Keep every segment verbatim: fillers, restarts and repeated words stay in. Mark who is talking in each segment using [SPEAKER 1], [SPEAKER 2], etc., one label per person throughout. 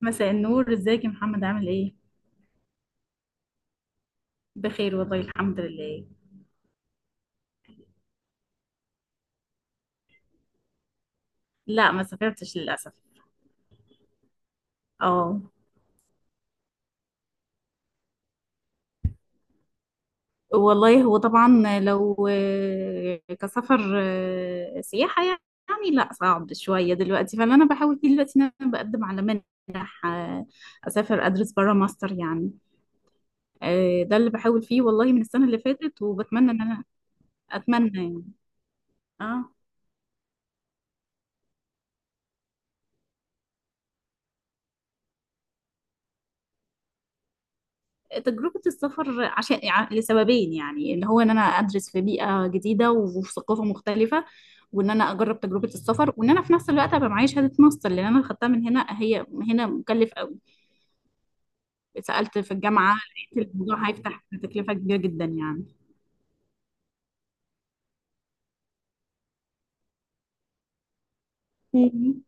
[SPEAKER 1] مساء النور، ازيك يا محمد؟ عامل ايه؟ بخير والله، الحمد لله. لا، ما سافرتش للاسف. اه. والله هو طبعا لو آه، كسفر، آه، سياحة يعني، لا صعب شوية دلوقتي. فاللي انا بحاول فيه دلوقتي ان انا بقدم على منح، آه، اسافر ادرس برا ماستر يعني. آه، ده اللي بحاول فيه والله من السنة اللي فاتت، وبتمنى ان انا اتمنى يعني. اه. تجربة السفر عشان يع- لسببين يعني، اللي هو ان انا ادرس في بيئة جديدة وفي ثقافة مختلفة، وان انا اجرب تجربة السفر، وان انا في نفس الوقت ابقى معايا شهادة ماستر، لان انا خدتها من هنا، هي هنا مكلف قوي. سألت في الجامعة، لقيت الموضوع هيفتح تكلفة كبيرة جدا يعني. مم.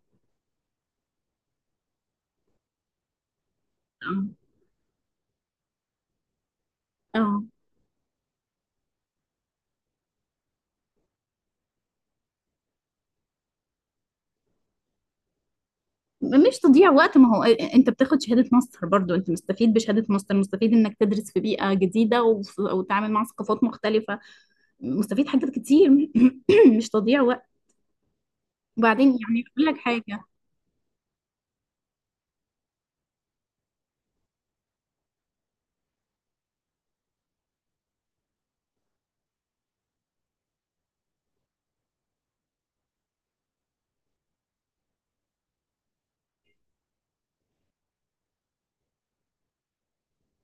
[SPEAKER 1] اه. اه. مش تضييع وقت، ما هو انت بتاخد شهادة ماستر برضو، انت مستفيد بشهادة ماستر، مستفيد انك تدرس في بيئة جديدة وف- وتتعامل مع ثقافات مختلفة، مستفيد حاجات كتير. مش تضييع وقت. وبعدين يعني اقول لك حاجه.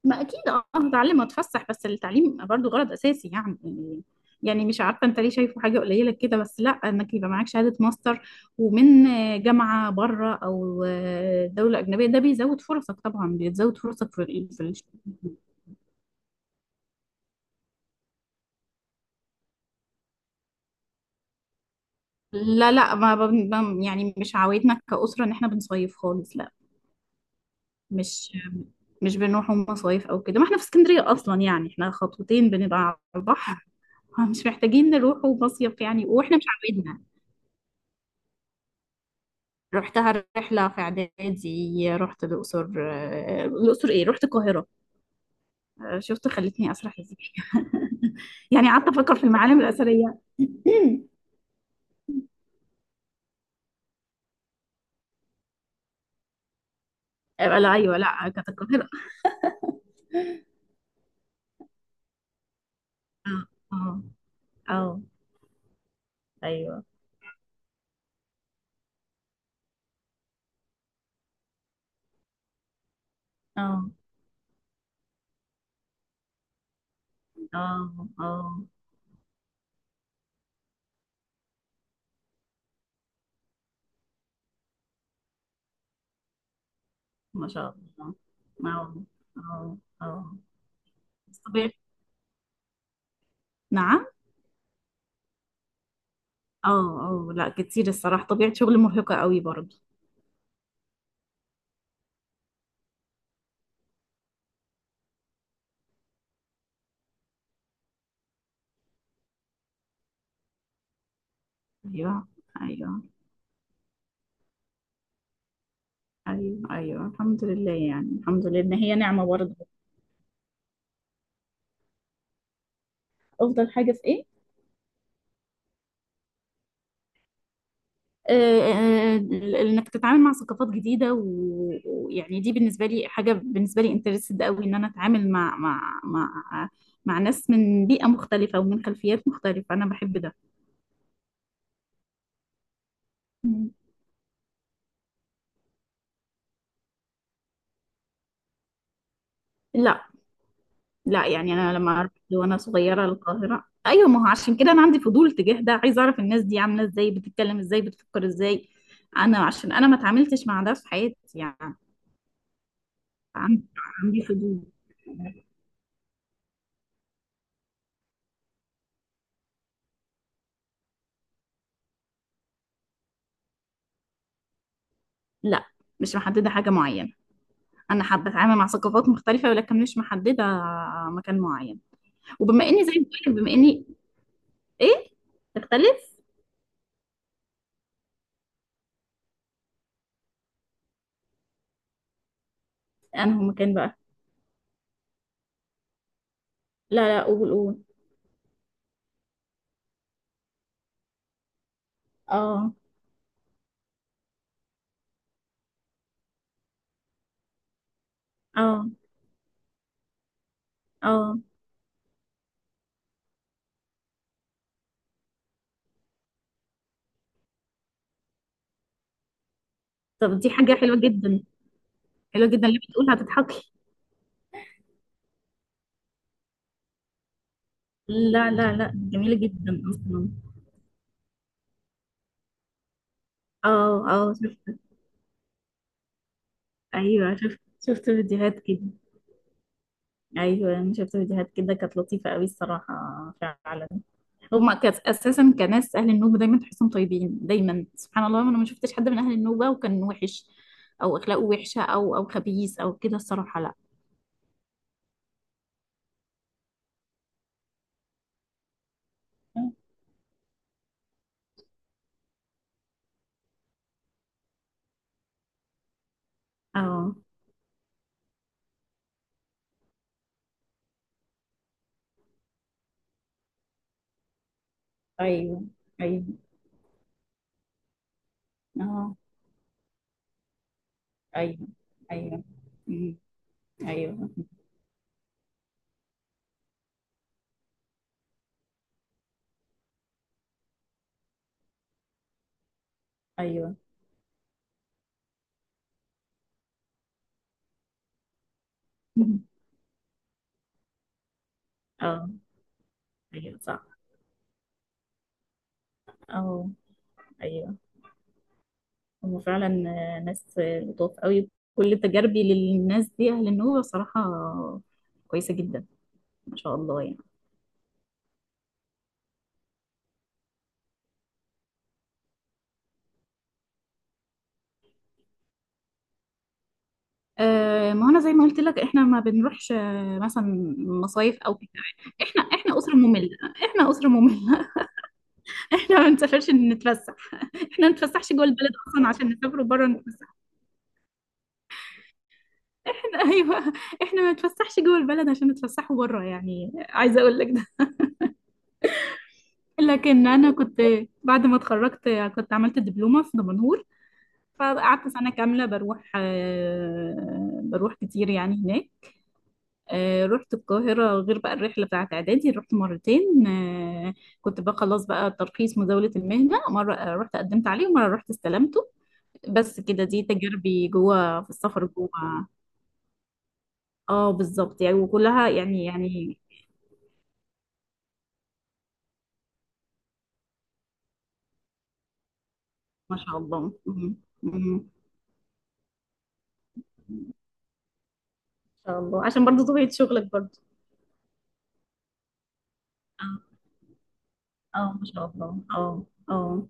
[SPEAKER 1] ما اكيد اه هتعلم واتفسح، بس التعليم برضو غرض اساسي يعني. يعني مش عارفه انت ليه شايفه حاجه قليله كده؟ بس لا، انك يبقى معاك شهاده ماستر ومن جامعه بره او دوله اجنبيه، ده بيزود فرصك طبعا، بيزود فرصك في ال- في الش- لا لا ما ب- ب- يعني مش عوايدنا كاسره ان احنا بنصيف خالص، لا. مش مش بنروحوا مصايف او كده، ما احنا في اسكندريه اصلا يعني، احنا خطوتين بنبقى على البحر. آه، مش محتاجين نروح ومصيف يعني واحنا مش عاملينها. رحتها رحلة في إعدادي، رحت الأقصر، آه، الأقصر إيه رحت القاهرة. آه، شفت خلتني أسرح إزاي؟ يعني قعدت أفكر في المعالم الأثرية. آه، لا أيوه، لا كانت القاهرة. اه. اه. آه. أيوه. اه. اه. اه. ما شاء الله. اه. اه. اه. بس طبيعة. نعم. اه. اه. لا كتير الصراحة، طبيعة شغل مرهقة قوي برضه. أيوه. أيوه. ايوه ايوه، الحمد لله يعني، الحمد لله ان هي نعمه برضه. افضل حاجه في ايه؟ آه. آه. آه، انك تتعامل مع ثقافات جديده، و- ويعني دي بالنسبه لي حاجه، بالنسبه لي انترستد قوي ان انا اتعامل مع مع مع مع ناس من بيئه مختلفه ومن خلفيات مختلفه، انا بحب ده. مم. لا. لا يعني انا لما رحت وانا صغيره القاهره، ايوه، ما هو عشان كده انا عندي فضول تجاه ده، عايزه اعرف الناس دي عامله ازاي، بتتكلم ازاي، بتفكر ازاي. انا عشان انا ما اتعاملتش مع ده في حياتي يعني. عندي عندي فضول. لا، مش محددة حاجة معينة. أنا حابة أتعامل مع ثقافات مختلفة ولكن مش محددة مكان معين. وبما إني زي ما بقولك، بما إني إيه، تختلف. أنا هو مكان بقى. لا لا، قول قول. آه. آه. آه. طب دي حاجة حلوة جدا. حلوة جدا اللي بتقولها، هتضحكي. لا لا لا، جميلة جدا أصلا. آه آه، شفت. أيوه شفت، شفت فيديوهات كده. أيوه أنا شفت فيديوهات كده، كانت لطيفة أوي الصراحة. فعلا. هما كاس اساسا كناس اهل النوبه، دايما تحسهم طيبين، دايما سبحان الله، انا ما شفتش حد من اهل النوبه وكان وحش، او اخلاقه وحشه او او خبيث او كده الصراحه، لا. اه. ايوه ايوه. اه. ايوه ايوه. أمم. ايوه ايوه. اه. ايوه صح. اه. ايوه. هم فعلا ناس لطاف قوي. كل تجاربي للناس دي اهل النوبه صراحه كويسه جدا، ما شاء الله يعني. آه، ما هو انا زي ما قلت لك احنا ما بنروحش، آه، مثلا مصايف او كده. احنا احنا اسره ممله. احنا اسره ممله. احنا ما بنسافرش نتفسح، احنا ما نتفسحش جوه البلد اصلا عشان نسافر بره نتفسح. احنا ايوه، احنا ما نتفسحش جوه البلد عشان نتفسحوا بره، يعني عايزه اقول لك ده. لكن انا كنت بعد ما اتخرجت كنت عملت دبلومه في دمنهور، فقعدت سنه كامله بروح، آه، بروح كتير يعني هناك. آه، رحت القاهرة غير بقى الرحلة بتاعت إعدادي، رحت مرتين. آه، كنت بقى خلاص بقى ترخيص مزاولة المهنة، مرة آه، رحت قدمت عليه، ومرة رحت استلمته. بس كده، دي تجاربي جوه في السفر جوه. اه بالظبط يعني، وكلها يعني يعني. ما شاء الله. مم. مم. ما شاء الله عشان برضو طبيعة شغلك برضو. اه. اه ما شاء الله اه اه.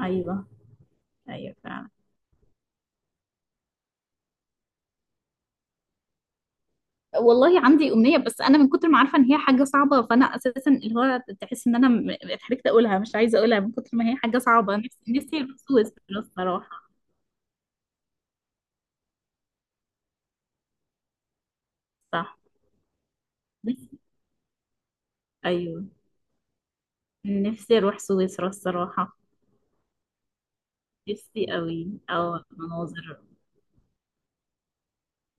[SPEAKER 1] ايوه. ايوه فعلا. والله عندي أمنية، بس أنا من كتر ما عارفة إن هي حاجة صعبة، فأنا أساسا اللي هو تحس إن أنا م- اتحركت أقولها، مش عايزة أقولها من كتر ما هي حاجة صعبة. نفسي، نفسي أروح سويسرا الصراحة. صح. نفسي. أيوه. نفسي أروح سويسرا الصراحة. نفسي أوي أو مناظر.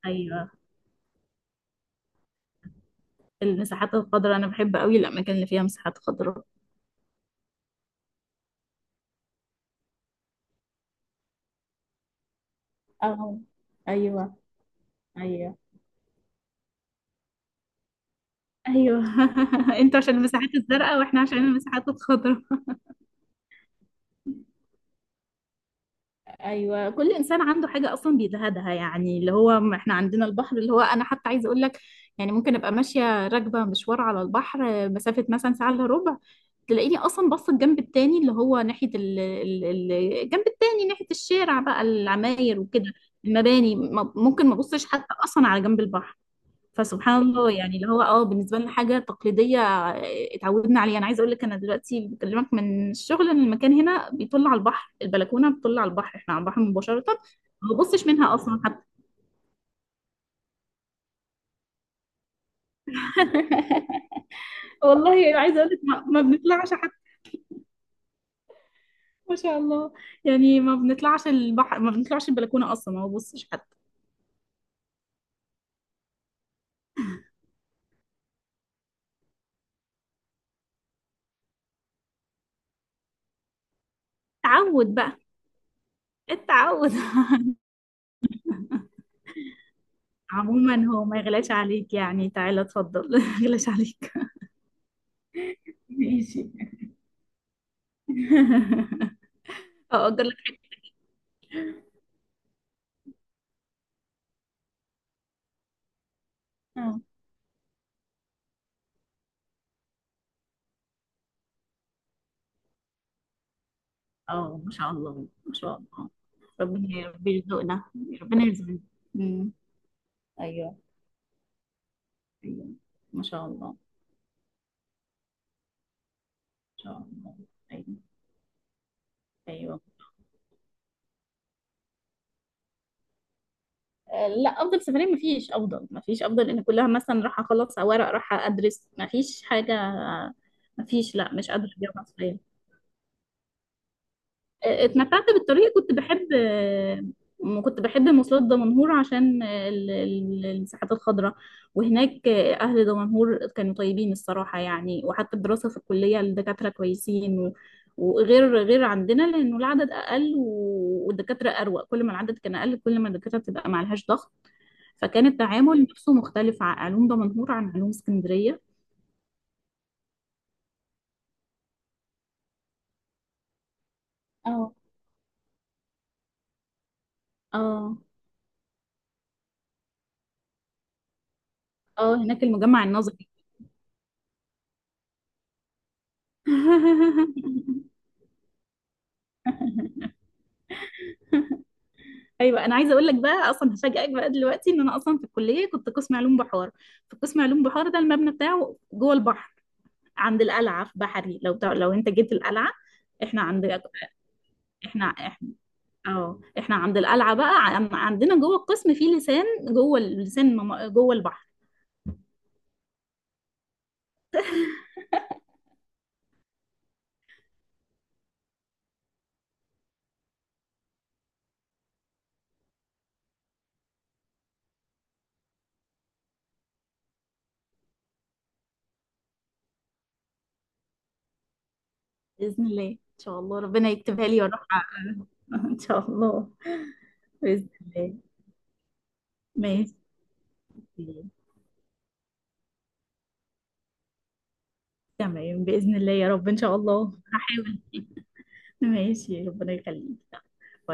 [SPEAKER 1] أيوه. المساحات الخضراء، أنا بحب أوي الأماكن اللي فيها مساحات خضراء. أه. أيوه. أيوه. أيوه. أنتوا عشان المساحات الزرقاء وإحنا عشان المساحات الخضراء. ايوه، كل انسان عنده حاجه اصلا بيزهدها، يعني اللي هو م- احنا عندنا البحر، اللي هو انا حتى عايزه اقول لك يعني، ممكن ابقى ماشيه راكبه مشوار على البحر، آه، مسافه مثلا ساعه الا ربع، تلاقيني اصلا بص الجنب التاني اللي هو ناحيه ال... ال... ال- الجنب التاني ناحيه الشارع بقى، العماير وكده، المباني م- ممكن ما بصش حتى اصلا على جنب البحر. فسبحان الله يعني، اللي هو اه بالنسبه لنا حاجه تقليديه، آه، اتعودنا عليها. انا عايزه اقول لك انا دلوقتي بكلمك من الشغل، ان المكان هنا بيطل على البحر، البلكونه بتطل على البحر، احنا على البحر مباشره، ما ببصش منها اصلا حتى. والله عايزه اقول لك ما, ما بنطلعش حتى. ما شاء الله يعني، ما بنطلعش البحر، ما بنطلعش البلكونه اصلا، ما ببصش حتى. تعود بقى. التعود. عموما هو ما يغلاش عليك يعني، تعالى اتفضل، ما يغلاش عليك. ماشي. هأجر لك حتة. اه ما شاء الله، ما شاء الله. ربنا، ربنا يرزقنا. ربنا يرزقنا. امم. ايوه. ايوه. ما شاء الله ما شاء الله. ايوه. ايوه. آه، لا افضل سفرية ما فيش افضل، ما فيش افضل، ان كلها مثلا راح اخلص ورق، راح ادرس، ما فيش حاجة. ما فيش، لا مش قادرة اجاوب على السؤال. اتمتعت بالطريق، كنت بحب، آه، كنت بحب مواصلات دمنهور عشان آه، ال- ال- الساحات الخضراء. وهناك آه، أهل دمنهور كانوا طيبين الصراحة يعني، وحتى الدراسة في الكلية الدكاترة كويسين، و- وغير غير عندنا، لأنه العدد أقل و- والدكاترة أروق، كل ما العدد كان أقل كل ما الدكاترة بتبقى معلهاش ضغط. فكان التعامل نفسه مختلف، ع- علوم دمنهور عن علوم اسكندرية. اه. اه. اه هناك المجمع النظري. ايوه، انا عايزه اقول لك بقى، اصلا هفاجئك بقى دلوقتي ان انا اصلا في الكليه كنت قسم علوم بحار. في قسم علوم بحار ده المبنى بتاعه جوه البحر، عند القلعه في بحري، لو تع- لو انت جيت القلعه احنا عند احنا احنا اه احنا عند القلعه بقى، عن- عندنا جوه القسم في لسان، جوه اللسان، مم- جوه البحر. باذن الله ان شاء الله ربنا يكتبها لي واروح أ- ان شاء الله. باذن الله. ماشي. تمام باذن الله يا رب ان شاء الله هحاول. ماشي ربنا يخليك.